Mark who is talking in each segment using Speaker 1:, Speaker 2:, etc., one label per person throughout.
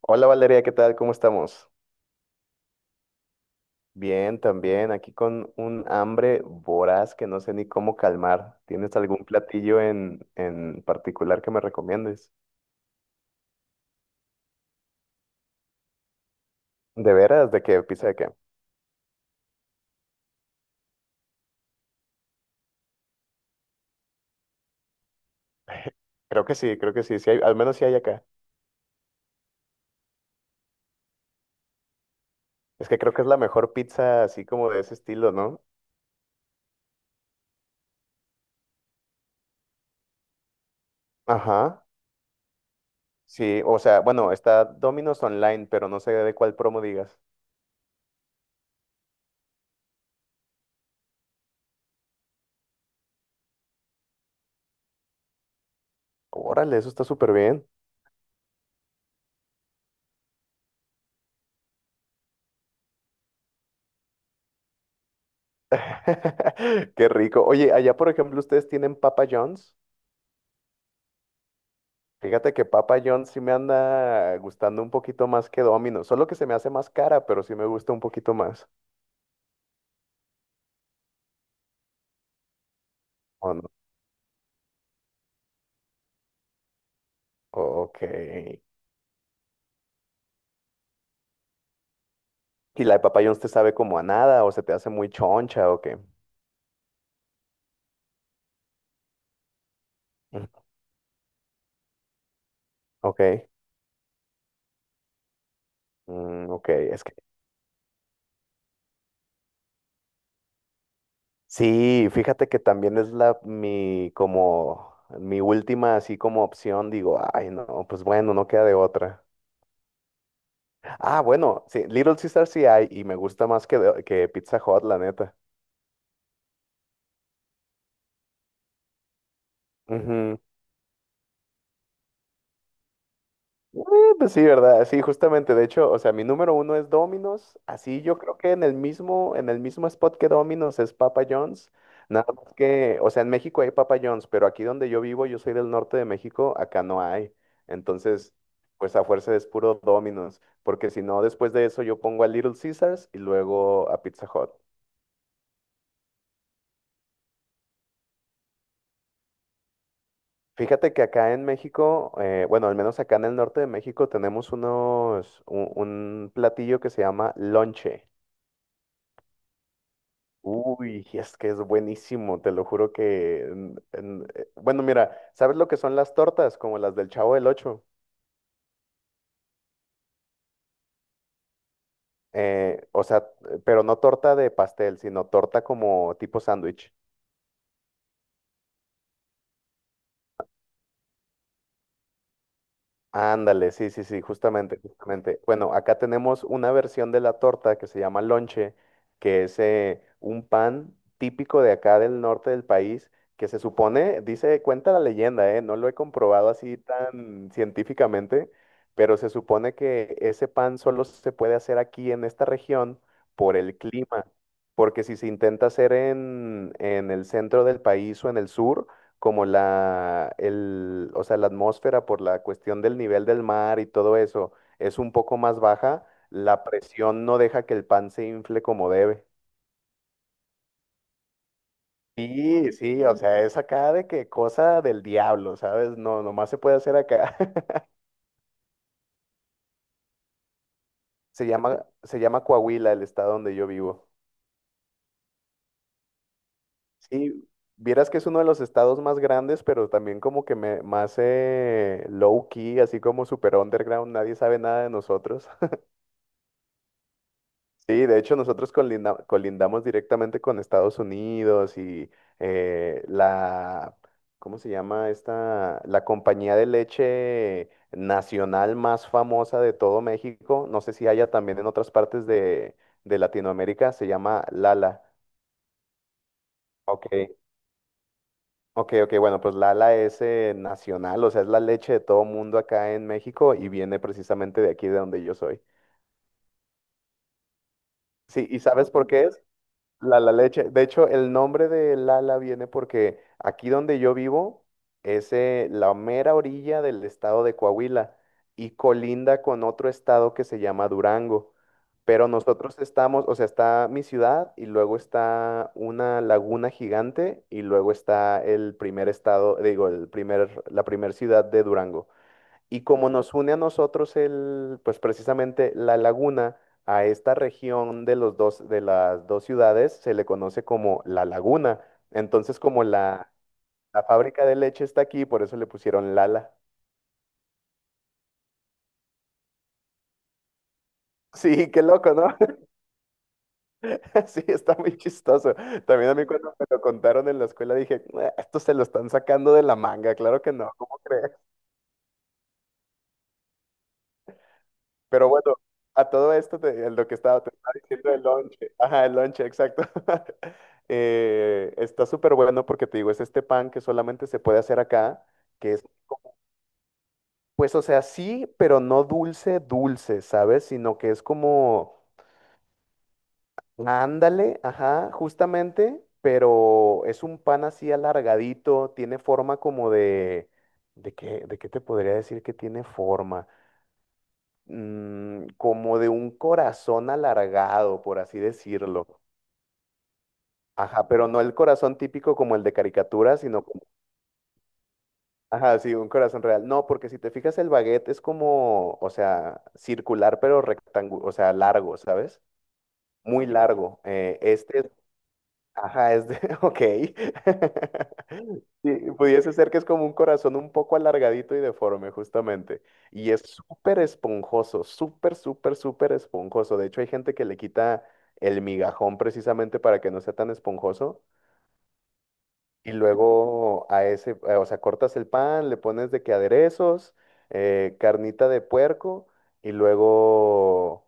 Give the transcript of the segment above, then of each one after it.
Speaker 1: Hola Valeria, ¿qué tal? ¿Cómo estamos? Bien, también, aquí con un hambre voraz que no sé ni cómo calmar. ¿Tienes algún platillo en particular que me recomiendes? ¿De veras? ¿De qué? ¿Pizza de qué? Creo que sí, sí hay, al menos sí hay acá. Es que creo que es la mejor pizza así como de ese estilo, ¿no? Ajá, sí, o sea, bueno, está Domino's Online, pero no sé de cuál promo digas. Órale, eso está súper bien. Qué rico. Oye, allá por ejemplo, ¿ustedes tienen Papa John's? Fíjate que Papa John's sí me anda gustando un poquito más que Domino, solo que se me hace más cara, pero sí me gusta un poquito más. ¿O no? Ok. ¿Y la de Papa John's te sabe como a nada o se te hace muy choncha o qué? Mm, ok. Mm, ok, es que sí, fíjate que también es la mi como mi última así como opción, digo, ay no, pues bueno, no queda de otra. Ah, bueno, sí, Little Caesar sí hay y me gusta más que Pizza Hut, la neta. Ujú. Eh, pues sí, ¿verdad? Sí, justamente, de hecho, o sea, mi número uno es Domino's, así yo creo que en el mismo spot que Domino's es Papa John's, nada más que, o sea, en México hay Papa John's, pero aquí donde yo vivo, yo soy del norte de México, acá no hay, entonces, pues a fuerza es puro Domino's, porque si no, después de eso yo pongo a Little Caesars y luego a Pizza Hut. Fíjate que acá en México, bueno, al menos acá en el norte de México tenemos unos, un platillo que se llama lonche. Uy, es que es buenísimo, te lo juro que, bueno, mira, ¿sabes lo que son las tortas? Como las del Chavo del Ocho. O sea, pero no torta de pastel, sino torta como tipo sándwich. Ándale, sí, sí, sí, justamente, justamente. Bueno, acá tenemos una versión de la torta que se llama lonche, que es un pan típico de acá del norte del país, que se supone, dice, cuenta la leyenda, no lo he comprobado así tan científicamente, pero se supone que ese pan solo se puede hacer aquí en esta región por el clima, porque si se intenta hacer en el centro del país o en el sur, como o sea, la atmósfera por la cuestión del nivel del mar y todo eso es un poco más baja, la presión no deja que el pan se infle como debe. Sí, sí, o sea, es acá de que cosa del diablo, ¿sabes? No, nomás se puede hacer acá. Se llama Coahuila, el estado donde yo vivo. Sí, vieras que es uno de los estados más grandes, pero también como que más low key, así como super underground, nadie sabe nada de nosotros. Sí, de hecho nosotros colindamos directamente con Estados Unidos y eh, la, ¿cómo se llama esta? La compañía de leche nacional más famosa de todo México, no sé si haya también en otras partes de Latinoamérica, se llama Lala. Ok, ok, ok, bueno, pues Lala es nacional, o sea, es la leche de todo mundo acá en México y viene precisamente de aquí de donde yo soy. Sí, ¿y sabes por qué es? La La Leche. De hecho, el nombre de Lala viene porque aquí donde yo vivo es la mera orilla del estado de Coahuila y colinda con otro estado que se llama Durango. Pero nosotros estamos, o sea, está mi ciudad y luego está una laguna gigante y luego está el primer estado, digo, el primer, la primer ciudad de Durango. Y como nos une a nosotros pues precisamente la laguna a esta región de los dos, de las dos ciudades, se le conoce como la laguna. Entonces, como la fábrica de leche está aquí, por eso le pusieron Lala. Sí, qué loco, ¿no? Sí, está muy chistoso. También a mí cuando me lo contaron en la escuela dije, "Ah, esto se lo están sacando de la manga, claro que no, ¿cómo crees?" Pero bueno, a todo esto, te estaba diciendo el lonche. Ajá, el lonche, exacto. Está súper bueno porque te digo, es este pan que solamente se puede hacer acá, que es, pues, o sea, sí, pero no dulce, dulce, ¿sabes? Sino que es como, ándale, ajá, justamente, pero es un pan así alargadito, tiene forma como de, ¿de qué te podría decir que tiene forma? Como de un corazón alargado, por así decirlo. Ajá, pero no el corazón típico como el de caricatura, sino como, ajá, sí, un corazón real. No, porque si te fijas el baguette es como, o sea, circular pero rectangular, o sea, largo, ¿sabes? Muy largo. Este es Ajá, es de. Ok. Sí, pudiese ser que es como un corazón un poco alargadito y deforme, justamente. Y es súper esponjoso, súper, súper, súper esponjoso. De hecho, hay gente que le quita el migajón precisamente para que no sea tan esponjoso. Y luego o sea, cortas el pan, le pones de que aderezos, carnita de puerco, y luego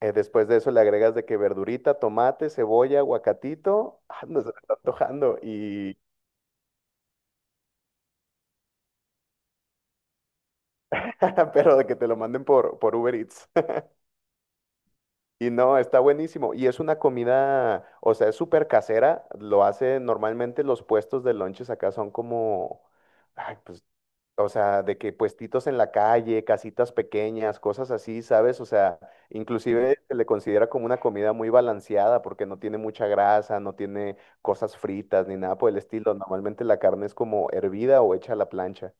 Speaker 1: después de eso le agregas de que verdurita, tomate, cebolla, aguacatito. Ah, no se me está antojando. Y. Pero de que te lo manden por Uber Eats. Y no, está buenísimo. Y es una comida, o sea, es súper casera. Lo hace normalmente los puestos de lonches acá son como, ay, pues. O sea, de que puestitos en la calle, casitas pequeñas, cosas así, ¿sabes? O sea, inclusive se le considera como una comida muy balanceada porque no tiene mucha grasa, no tiene cosas fritas ni nada por el estilo. Normalmente la carne es como hervida o hecha a la plancha.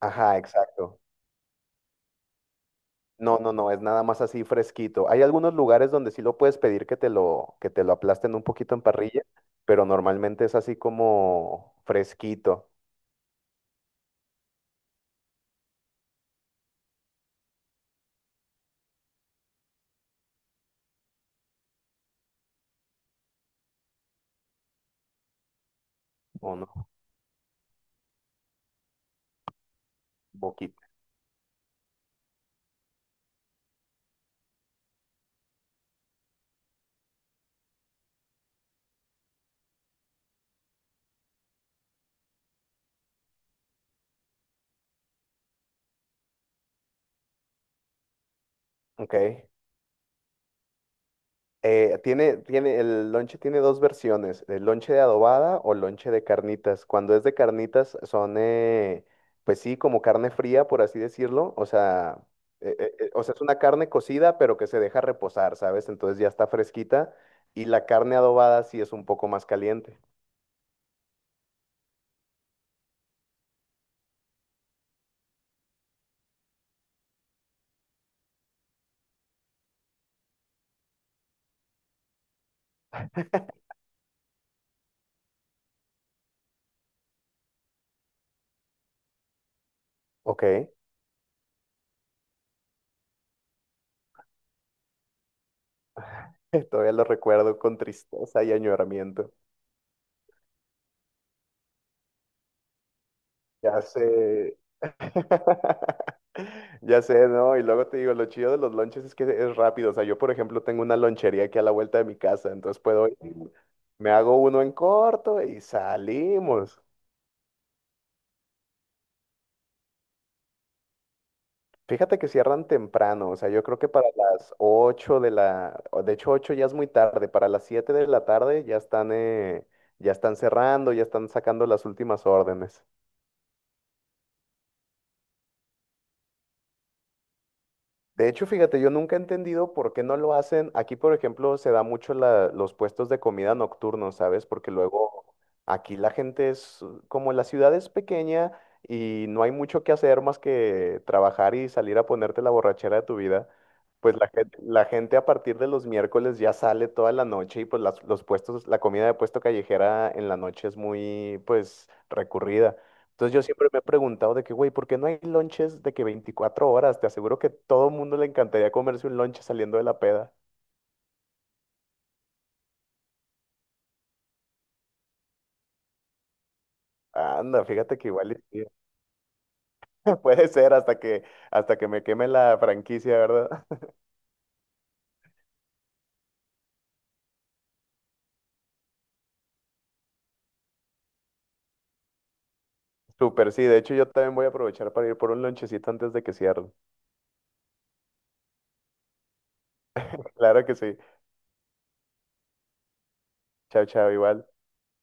Speaker 1: Ajá, exacto. No, no, no, es nada más así fresquito. Hay algunos lugares donde sí lo puedes pedir que te lo aplasten un poquito en parrilla, pero normalmente es así como fresquito o no, poquito. Ok. El lonche tiene dos versiones, el lonche de adobada o lonche de carnitas. Cuando es de carnitas son, pues sí, como carne fría, por así decirlo. O sea, es una carne cocida, pero que se deja reposar, ¿sabes? Entonces ya está fresquita. Y la carne adobada sí es un poco más caliente. Ok, todavía lo recuerdo con tristeza y añoramiento. Ya sé. Ya sé, ¿no? Y luego te digo, lo chido de los lonches es que es rápido. O sea, yo, por ejemplo, tengo una lonchería aquí a la vuelta de mi casa, entonces puedo ir, me hago uno en corto y salimos. Fíjate que cierran temprano, o sea, yo creo que para las 8 de la, o de hecho 8 ya es muy tarde, para las 7 de la tarde ya están cerrando, ya están sacando las últimas órdenes. De hecho, fíjate, yo nunca he entendido por qué no lo hacen. Aquí, por ejemplo, se da mucho los puestos de comida nocturnos, ¿sabes? Porque luego aquí como la ciudad es pequeña y no hay mucho que hacer más que trabajar y salir a ponerte la borrachera de tu vida, pues la gente a partir de los miércoles ya sale toda la noche y pues los puestos, la comida de puesto callejera en la noche es muy, pues, recurrida. Entonces yo siempre me he preguntado de que, güey, ¿por qué no hay lonches de que 24 horas? Te aseguro que todo el mundo le encantaría comerse un lonche saliendo de la peda. Anda, fíjate que igual y sí, puede ser hasta que me queme la franquicia, ¿verdad? Súper, sí. De hecho, yo también voy a aprovechar para ir por un lonchecito antes de que cierre. Claro que sí. Chao, chao, igual.